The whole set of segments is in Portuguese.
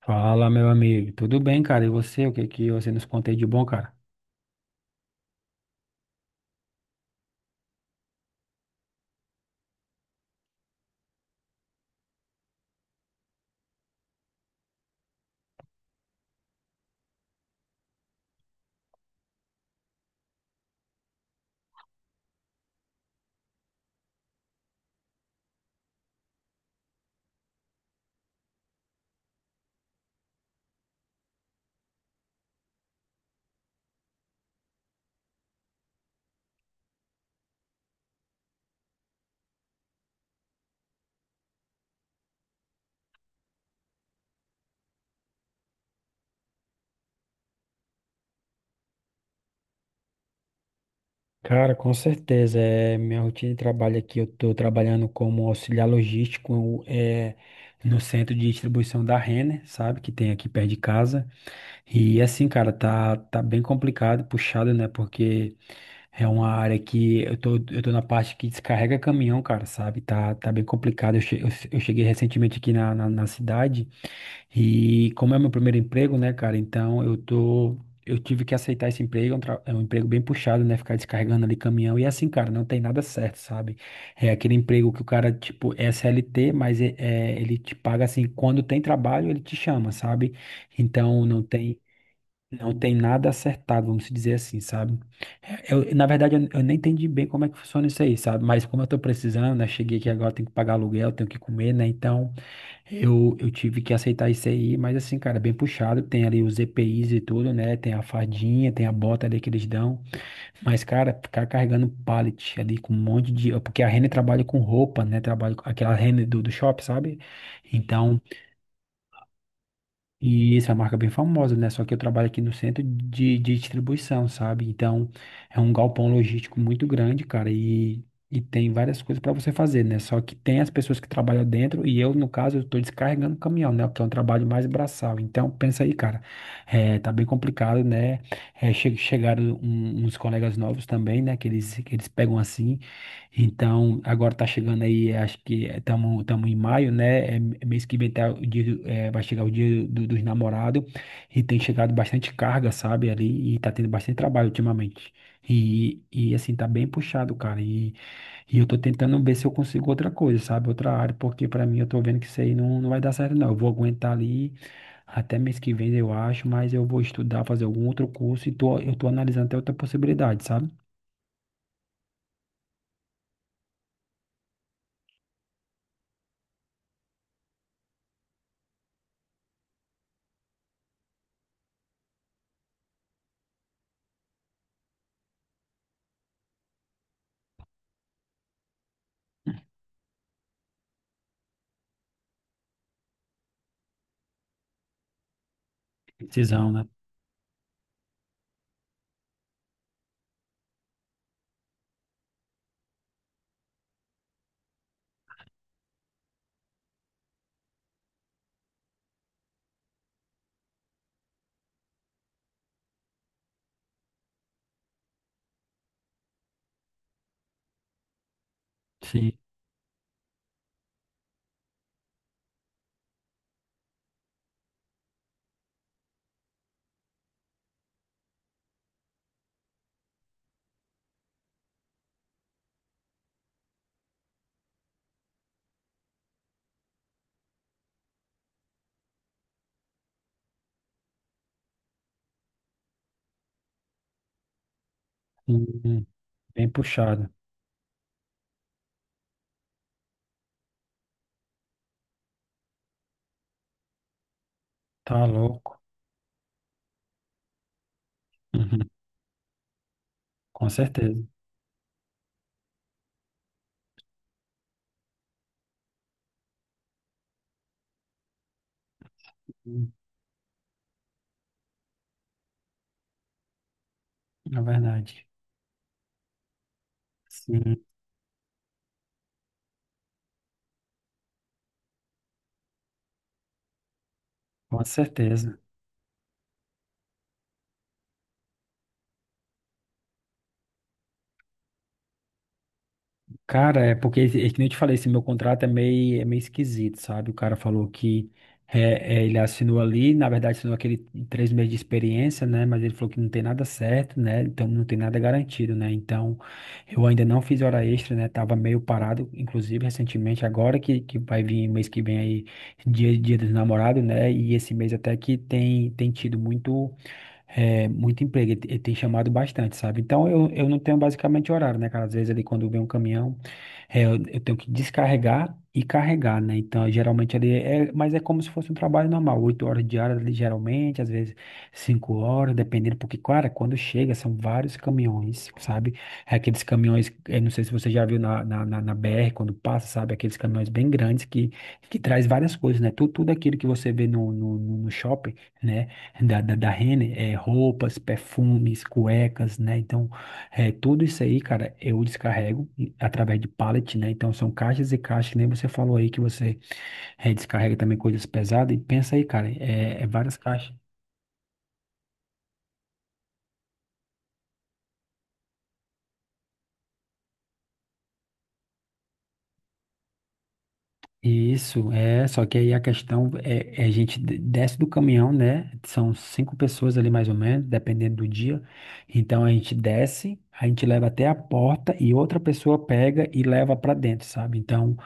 Fala, meu amigo. Tudo bem, cara? E você? O que que você nos conta aí de bom, cara? Cara, com certeza. É, minha rotina de trabalho aqui, eu estou trabalhando como auxiliar logístico no centro de distribuição da Renner, sabe? Que tem aqui perto de casa. E assim, cara, tá bem complicado, puxado, né? Porque é uma área que eu tô na parte que descarrega caminhão, cara, sabe? Tá bem complicado. Eu cheguei recentemente aqui na, na cidade e como é meu primeiro emprego, né, cara? Então eu tive que aceitar esse emprego, é um emprego bem puxado, né? Ficar descarregando ali caminhão. E é assim, cara, não tem nada certo, sabe? É aquele emprego que o cara, tipo, é CLT, mas ele te paga assim, quando tem trabalho, ele te chama, sabe? Então não tem. Não tem nada acertado, vamos dizer assim, sabe? Eu, na verdade, eu nem entendi bem como é que funciona isso aí, sabe? Mas como eu tô precisando, né? Cheguei aqui agora, tenho que pagar aluguel, tenho que comer, né? Então, eu tive que aceitar isso aí, mas assim, cara, bem puxado. Tem ali os EPIs e tudo, né? Tem a fadinha, tem a bota ali que eles dão. Mas, cara, ficar carregando pallet ali com um monte de. Porque a Renner trabalha com roupa, né? Trabalha com aquela Renner do shopping, sabe? Então, e isso é uma marca bem famosa, né? Só que eu trabalho aqui no centro de distribuição, sabe? Então, é um galpão logístico muito grande, cara, e tem várias coisas para você fazer, né? Só que tem as pessoas que trabalham dentro e eu, no caso, eu tô descarregando o caminhão, né? Porque é um trabalho mais braçal. Então, pensa aí, cara, tá bem complicado, né? Chegaram uns colegas novos também, né? Que eles pegam assim. Então, agora tá chegando aí, acho que estamos em maio, né? Mês que vem tá o dia, vai chegar o dia dos namorados e tem chegado bastante carga, sabe, ali, e tá tendo bastante trabalho ultimamente. E assim, tá bem puxado, cara. E eu tô tentando ver se eu consigo outra coisa, sabe? Outra área, porque pra mim eu tô vendo que isso aí não, não vai dar certo, não. Eu vou aguentar ali até mês que vem, eu acho, mas eu vou estudar, fazer algum outro curso e tô, eu tô analisando até outra possibilidade, sabe? Decisão, né? Sim. Bem puxado. Tá louco. Uhum. Com certeza. Hum, É verdade. Sim, com certeza. Cara, é porque, é que nem eu te falei, esse meu contrato é meio, esquisito, sabe? O cara falou que ele assinou ali, na verdade assinou aquele 3 meses de experiência, né? Mas ele falou que não tem nada certo, né? Então não tem nada garantido, né? Então eu ainda não fiz hora extra, né? Tava meio parado, inclusive recentemente, agora que, vai vir mês que vem aí, dia dos namorados, né? E esse mês até que tem tido muito emprego, ele tem chamado bastante, sabe? Então eu não tenho basicamente horário, né, cara? Às vezes ali quando vem um caminhão, eu tenho que descarregar e carregar, né? Então geralmente ali mas é como se fosse um trabalho normal, 8 horas diárias ali geralmente, às vezes 5 horas, dependendo, porque, cara, quando chega são vários caminhões, sabe? É aqueles caminhões, eu não sei se você já viu na BR quando passa, sabe? Aqueles caminhões bem grandes que traz várias coisas, né? Tudo aquilo que você vê no shopping, né? da Renner, roupas, perfumes, cuecas, né? Então, tudo isso aí, cara, eu descarrego através de pallet, né? Então, são caixas e caixas, que nem você falou aí que você descarrega também coisas pesadas. E pensa aí, cara, é várias caixas. Isso, só que aí a questão é a gente desce do caminhão, né? São 5 pessoas ali mais ou menos, dependendo do dia. Então a gente desce, a gente leva até a porta e outra pessoa pega e leva para dentro, sabe? Então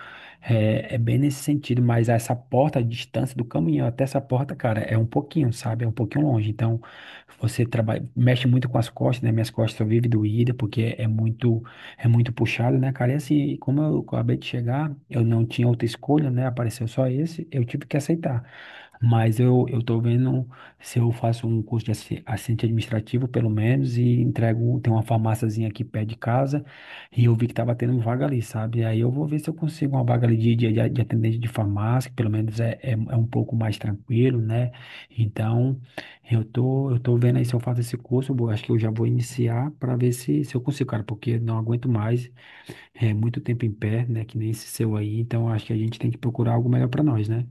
é bem nesse sentido, mas essa porta, a distância do caminhão até essa porta, cara, é um pouquinho, sabe? É um pouquinho longe. Então você trabalha, mexe muito com as costas, né? Minhas costas só vivem doída porque é muito. É muito puxado, né, cara? E assim, como eu acabei de chegar, eu não tinha outra escolha, né? Apareceu só esse, eu tive que aceitar. Mas eu tô vendo se eu faço um curso de assistente administrativo, pelo menos, e entrego, tem uma farmáciazinha aqui perto de casa, e eu vi que tava tendo vaga ali, sabe? Aí eu vou ver se eu consigo uma vaga ali de, de atendente de farmácia, que pelo menos é um pouco mais tranquilo, né? Então. Eu tô vendo aí se eu faço esse curso, eu vou acho que eu já vou iniciar para ver se eu consigo, cara, porque não aguento mais, é muito tempo em pé, né, que nem esse seu aí, então acho que a gente tem que procurar algo melhor para nós, né?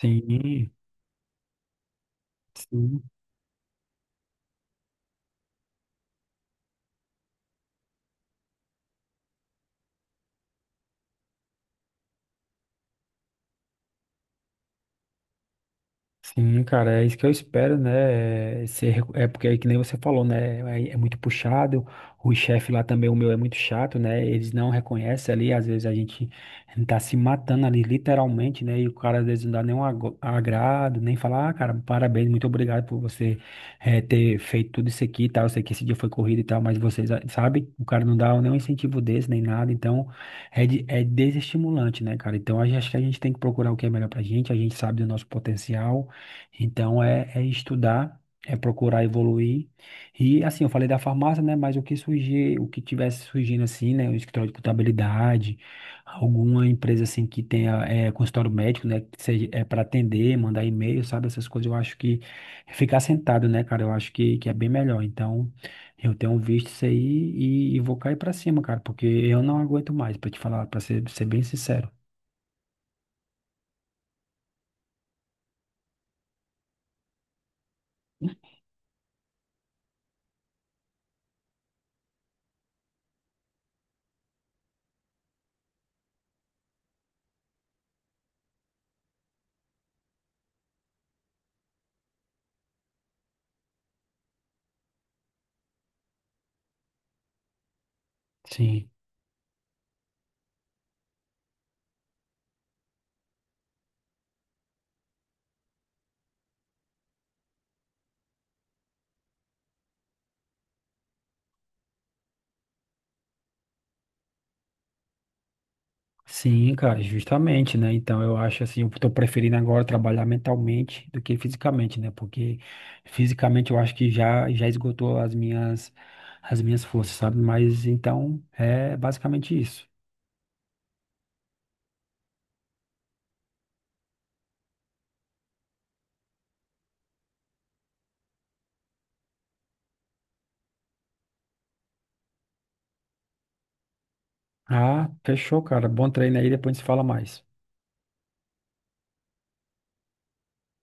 Sim, sim. Sim, cara, é isso que eu espero, né? É, ser é porque é que nem você falou, né? É, é muito puxado. O chefe lá também, o meu, é muito chato, né? Eles não reconhecem ali. Às vezes a gente tá se matando ali, literalmente, né? E o cara às vezes não dá nenhum ago- agrado, nem falar, ah, cara, parabéns, muito obrigado por você ter feito tudo isso aqui e tal. Eu sei que esse dia foi corrido e tal, mas vocês, ah, sabe? O cara não dá nenhum incentivo desse, nem nada. Então, é desestimulante, né, cara? Então, acho que a gente tem que procurar o que é melhor pra gente. A gente sabe do nosso potencial. Então é estudar, é procurar evoluir. E assim, eu falei da farmácia, né? Mas o que surgir, o que tivesse surgindo assim, né? O escritório de contabilidade, alguma empresa assim que tenha consultório médico, né? Que seja para atender, mandar e-mail, sabe? Essas coisas, eu acho que ficar sentado, né, cara? Eu acho que é bem melhor. Então, eu tenho visto isso aí e vou cair pra cima, cara, porque eu não aguento mais, pra te falar, pra ser, bem sincero. Sim. Sim, cara, justamente, né? Então eu acho assim, eu tô preferindo agora trabalhar mentalmente do que fisicamente, né? Porque fisicamente eu acho que já já esgotou as minhas forças, sabe? Mas então é basicamente isso. Ah, fechou, cara. Bom treino aí, depois a gente se fala mais.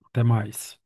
Até mais.